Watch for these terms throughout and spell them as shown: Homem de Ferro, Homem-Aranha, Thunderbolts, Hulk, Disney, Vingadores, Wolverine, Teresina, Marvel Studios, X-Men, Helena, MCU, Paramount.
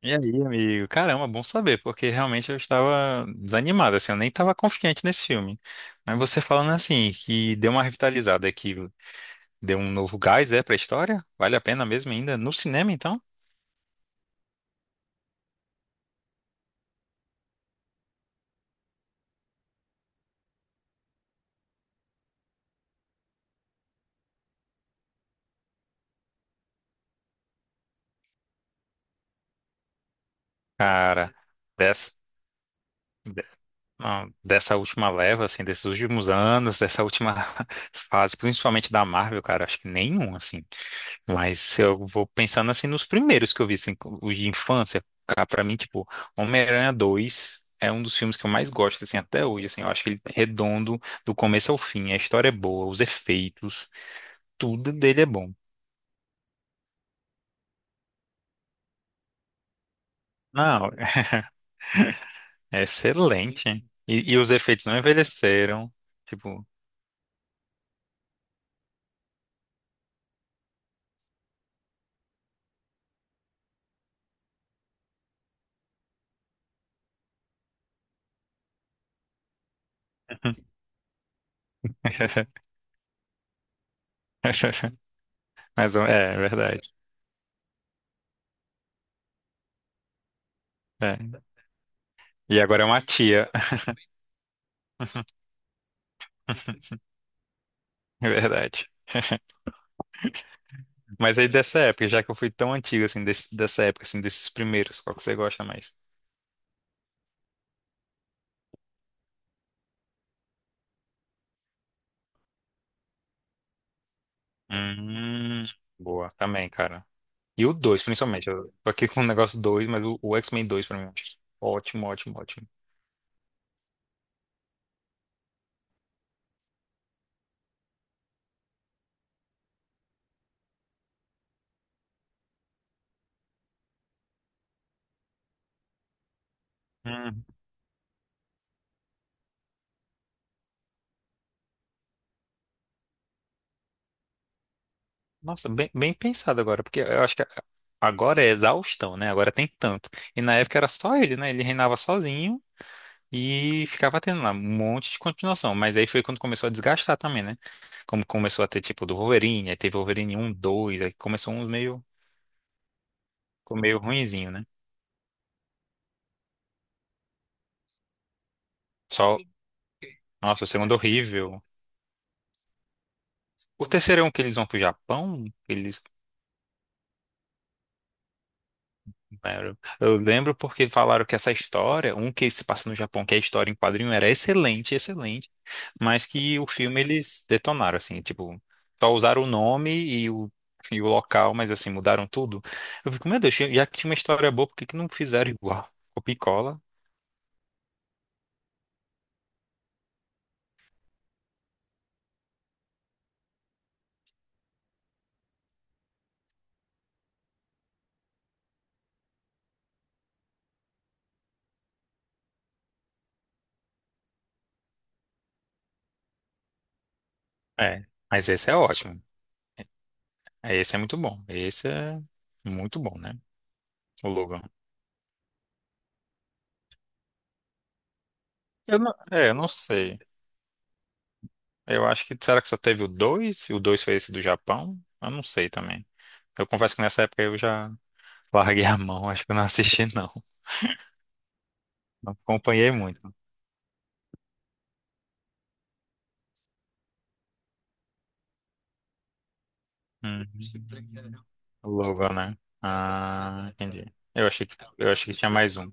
E aí, amigo? Caramba, bom saber, porque realmente eu estava desanimado, assim, eu nem estava confiante nesse filme. Mas você falando assim, que deu uma revitalizada, que deu um novo gás, é, pra história? Vale a pena mesmo ainda? No cinema, então? Cara, dessa, de- não, dessa última leva, assim, desses últimos anos, dessa última fase, principalmente da Marvel, cara, acho que nenhum, assim. Mas eu vou pensando assim nos primeiros que eu vi, assim, os de infância, cara, pra mim, tipo, Homem-Aranha 2 é um dos filmes que eu mais gosto, assim, até hoje, assim, eu acho que ele é redondo do começo ao fim, a história é boa, os efeitos, tudo dele é bom. Não, é excelente, hein? E os efeitos não envelheceram, tipo... Mas é, é verdade. É. E agora é uma tia, é verdade. Mas aí dessa época, já que eu fui tão antigo assim, dessa época, assim, desses primeiros, qual que você gosta mais? Hum, boa, também, cara. E o 2 principalmente. Eu tô aqui com o negócio 2 mas o X-Men 2 pra mim. Ótimo, ótimo, ótimo. Hum, nossa, bem, bem pensado agora, porque eu acho que agora é exaustão, né? Agora tem tanto. E na época era só ele, né? Ele reinava sozinho e ficava tendo lá um monte de continuação. Mas aí foi quando começou a desgastar também, né? Como começou a ter tipo do Wolverine, aí teve Wolverine um 2 aí começou uns meio. Ficou meio ruinzinho, né? Só, nossa, o segundo horrível. O terceiro é um que eles vão pro Japão? Eles, eu lembro porque falaram que essa história, um que se passa no Japão, que é a história em quadrinho, era excelente, excelente, mas que o filme eles detonaram, assim, tipo, só usaram o nome e o local, mas assim, mudaram tudo. Eu fico, meu Deus, já que tinha uma história boa, por que que não fizeram igual? Copia e cola. É, mas esse é ótimo. Esse é muito bom. Esse é muito bom, né? O Logan. Eu não, é, eu não sei. Eu acho que será que só teve o 2 e o 2 foi esse do Japão? Eu não sei também. Eu confesso que nessa época eu já larguei a mão, acho que eu não assisti não. Não acompanhei muito. Hum. O Logo, né? Ah, entendi. Eu achei que tinha mais um,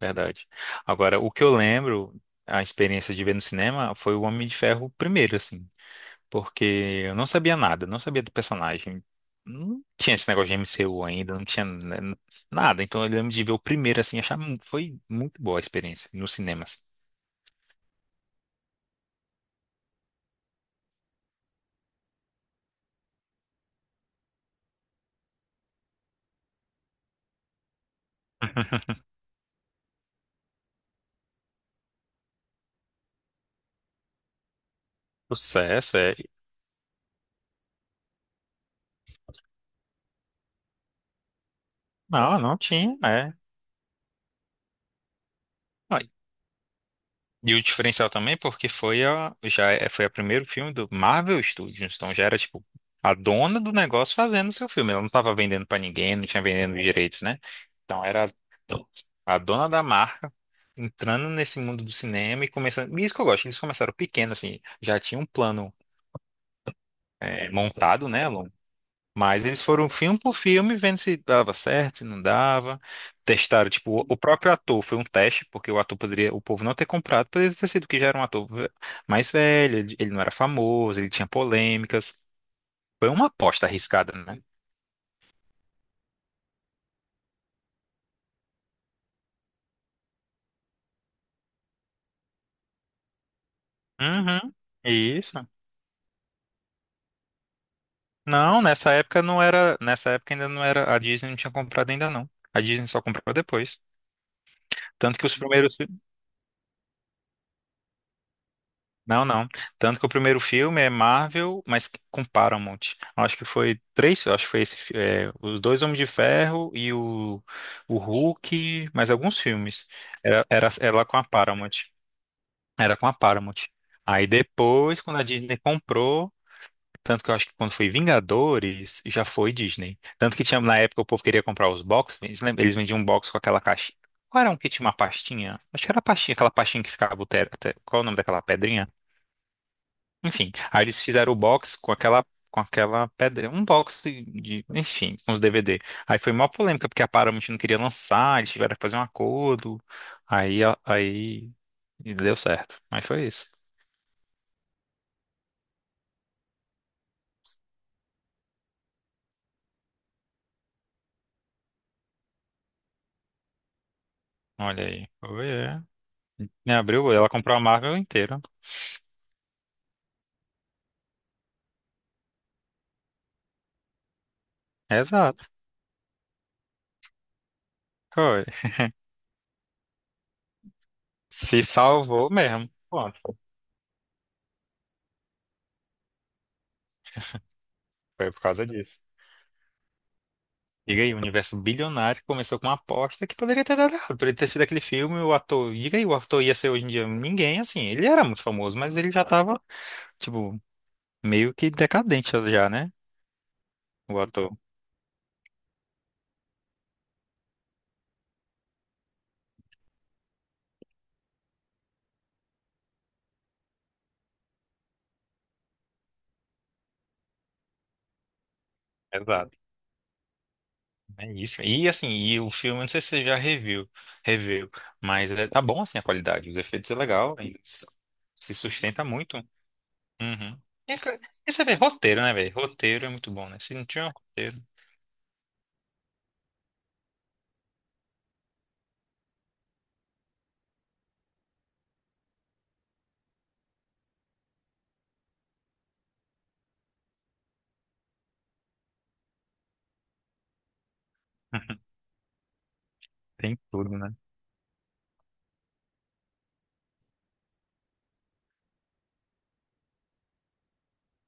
verdade. Agora, o que eu lembro, a experiência de ver no cinema foi o Homem de Ferro primeiro, assim, porque eu não sabia nada, não sabia do personagem. Não tinha esse negócio de MCU ainda, não tinha né, nada. Então eu lembro de ver o primeiro assim, foi muito boa a experiência nos cinemas. Sucesso, é. Não, não tinha, é. Ah, e o diferencial também porque foi foi o primeiro filme do Marvel Studios, então já era tipo a dona do negócio fazendo o seu filme. Ela não tava vendendo pra ninguém, não tinha vendendo direitos, né? Então era a dona da marca entrando nesse mundo do cinema e começando. E isso que eu gosto, eles começaram pequeno, assim, já tinha um plano, é, montado, né, Alon? Mas eles foram filme por filme, vendo se dava certo, se não dava. Testaram, tipo, o próprio ator foi um teste, porque o ator poderia, o povo não ter comprado, poderia ter sido que já era um ator mais velho, ele não era famoso, ele tinha polêmicas. Foi uma aposta arriscada, né? Uhum. Isso. Não, nessa época não era, nessa época ainda não era, a Disney não tinha comprado ainda não. A Disney só comprou depois. Tanto que os primeiros. Fi- Não, não. Tanto que o primeiro filme é Marvel, mas com Paramount. Acho que foi três. Acho que foi é, os dois Homens de Ferro e o Hulk, mas alguns filmes. Era com a Paramount. Era com a Paramount. Aí depois, quando a Disney comprou. Tanto que eu acho que quando foi Vingadores, já foi Disney. Tanto que tinha, na época o povo queria comprar os boxes. Eles, eles vendiam um box com aquela caixa. Qual era um que tinha uma pastinha? Acho que era a pastinha, aquela pastinha que ficava o qual é o nome daquela pedrinha? Enfim, aí eles fizeram o box com aquela pedra, um box enfim, com os DVD. Aí foi uma polêmica porque a Paramount não queria lançar, eles tiveram que fazer um acordo. Aí a- aí e deu certo. Mas foi isso. Olha aí. Foi, é. Me abriu, ela comprou a Marvel inteira. Exato. Foi. Se salvou mesmo. Pronto. Foi por causa disso. Diga aí, um universo bilionário começou com uma aposta que poderia ter dado errado. Poderia ter sido aquele filme, o ator. Diga aí, o ator ia ser hoje em dia ninguém, assim. Ele era muito famoso, mas ele já tava, tipo, meio que decadente já, né? O ator. Exato. É isso. E assim, e o filme, não sei se você já reviu, mas é, tá bom assim a qualidade. Os efeitos é legal, ainda se sustenta muito. Uhum. E, co- e você vê, roteiro, né, velho? Roteiro é muito bom, né? Se não tiver um roteiro, tem tudo, né?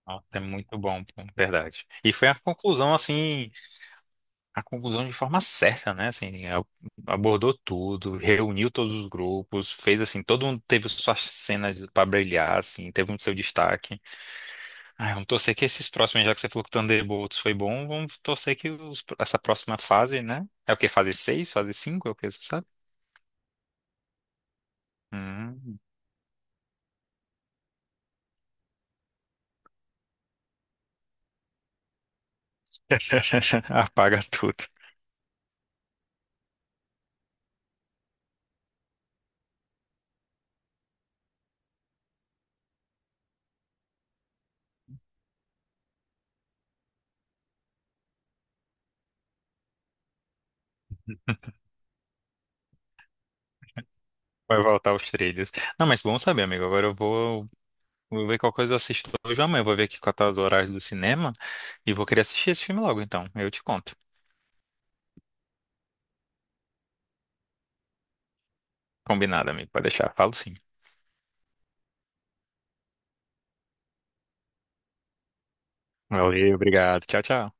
Nossa, é muito bom, pô, verdade. E foi a conclusão, assim, a conclusão de forma certa, né? Assim, abordou tudo, reuniu todos os grupos, fez assim, todo mundo teve suas cenas para brilhar, assim, teve um seu destaque. Ah, vamos torcer que esses próximos, já que você falou que o Thunderbolts foi bom, vamos torcer que essa próxima fase, né? É o que? Fase 6, fase 5, é o que você sabe? Hum. Apaga tudo. Vai voltar aos trilhos. Não, mas bom saber, amigo. Agora eu vou ver qual coisa eu assisto hoje ou amanhã. Vou ver aqui quais tá os horários do cinema e vou querer assistir esse filme logo, então. Eu te conto. Combinado, amigo. Pode deixar. Falo sim. Valeu, obrigado. Tchau, tchau.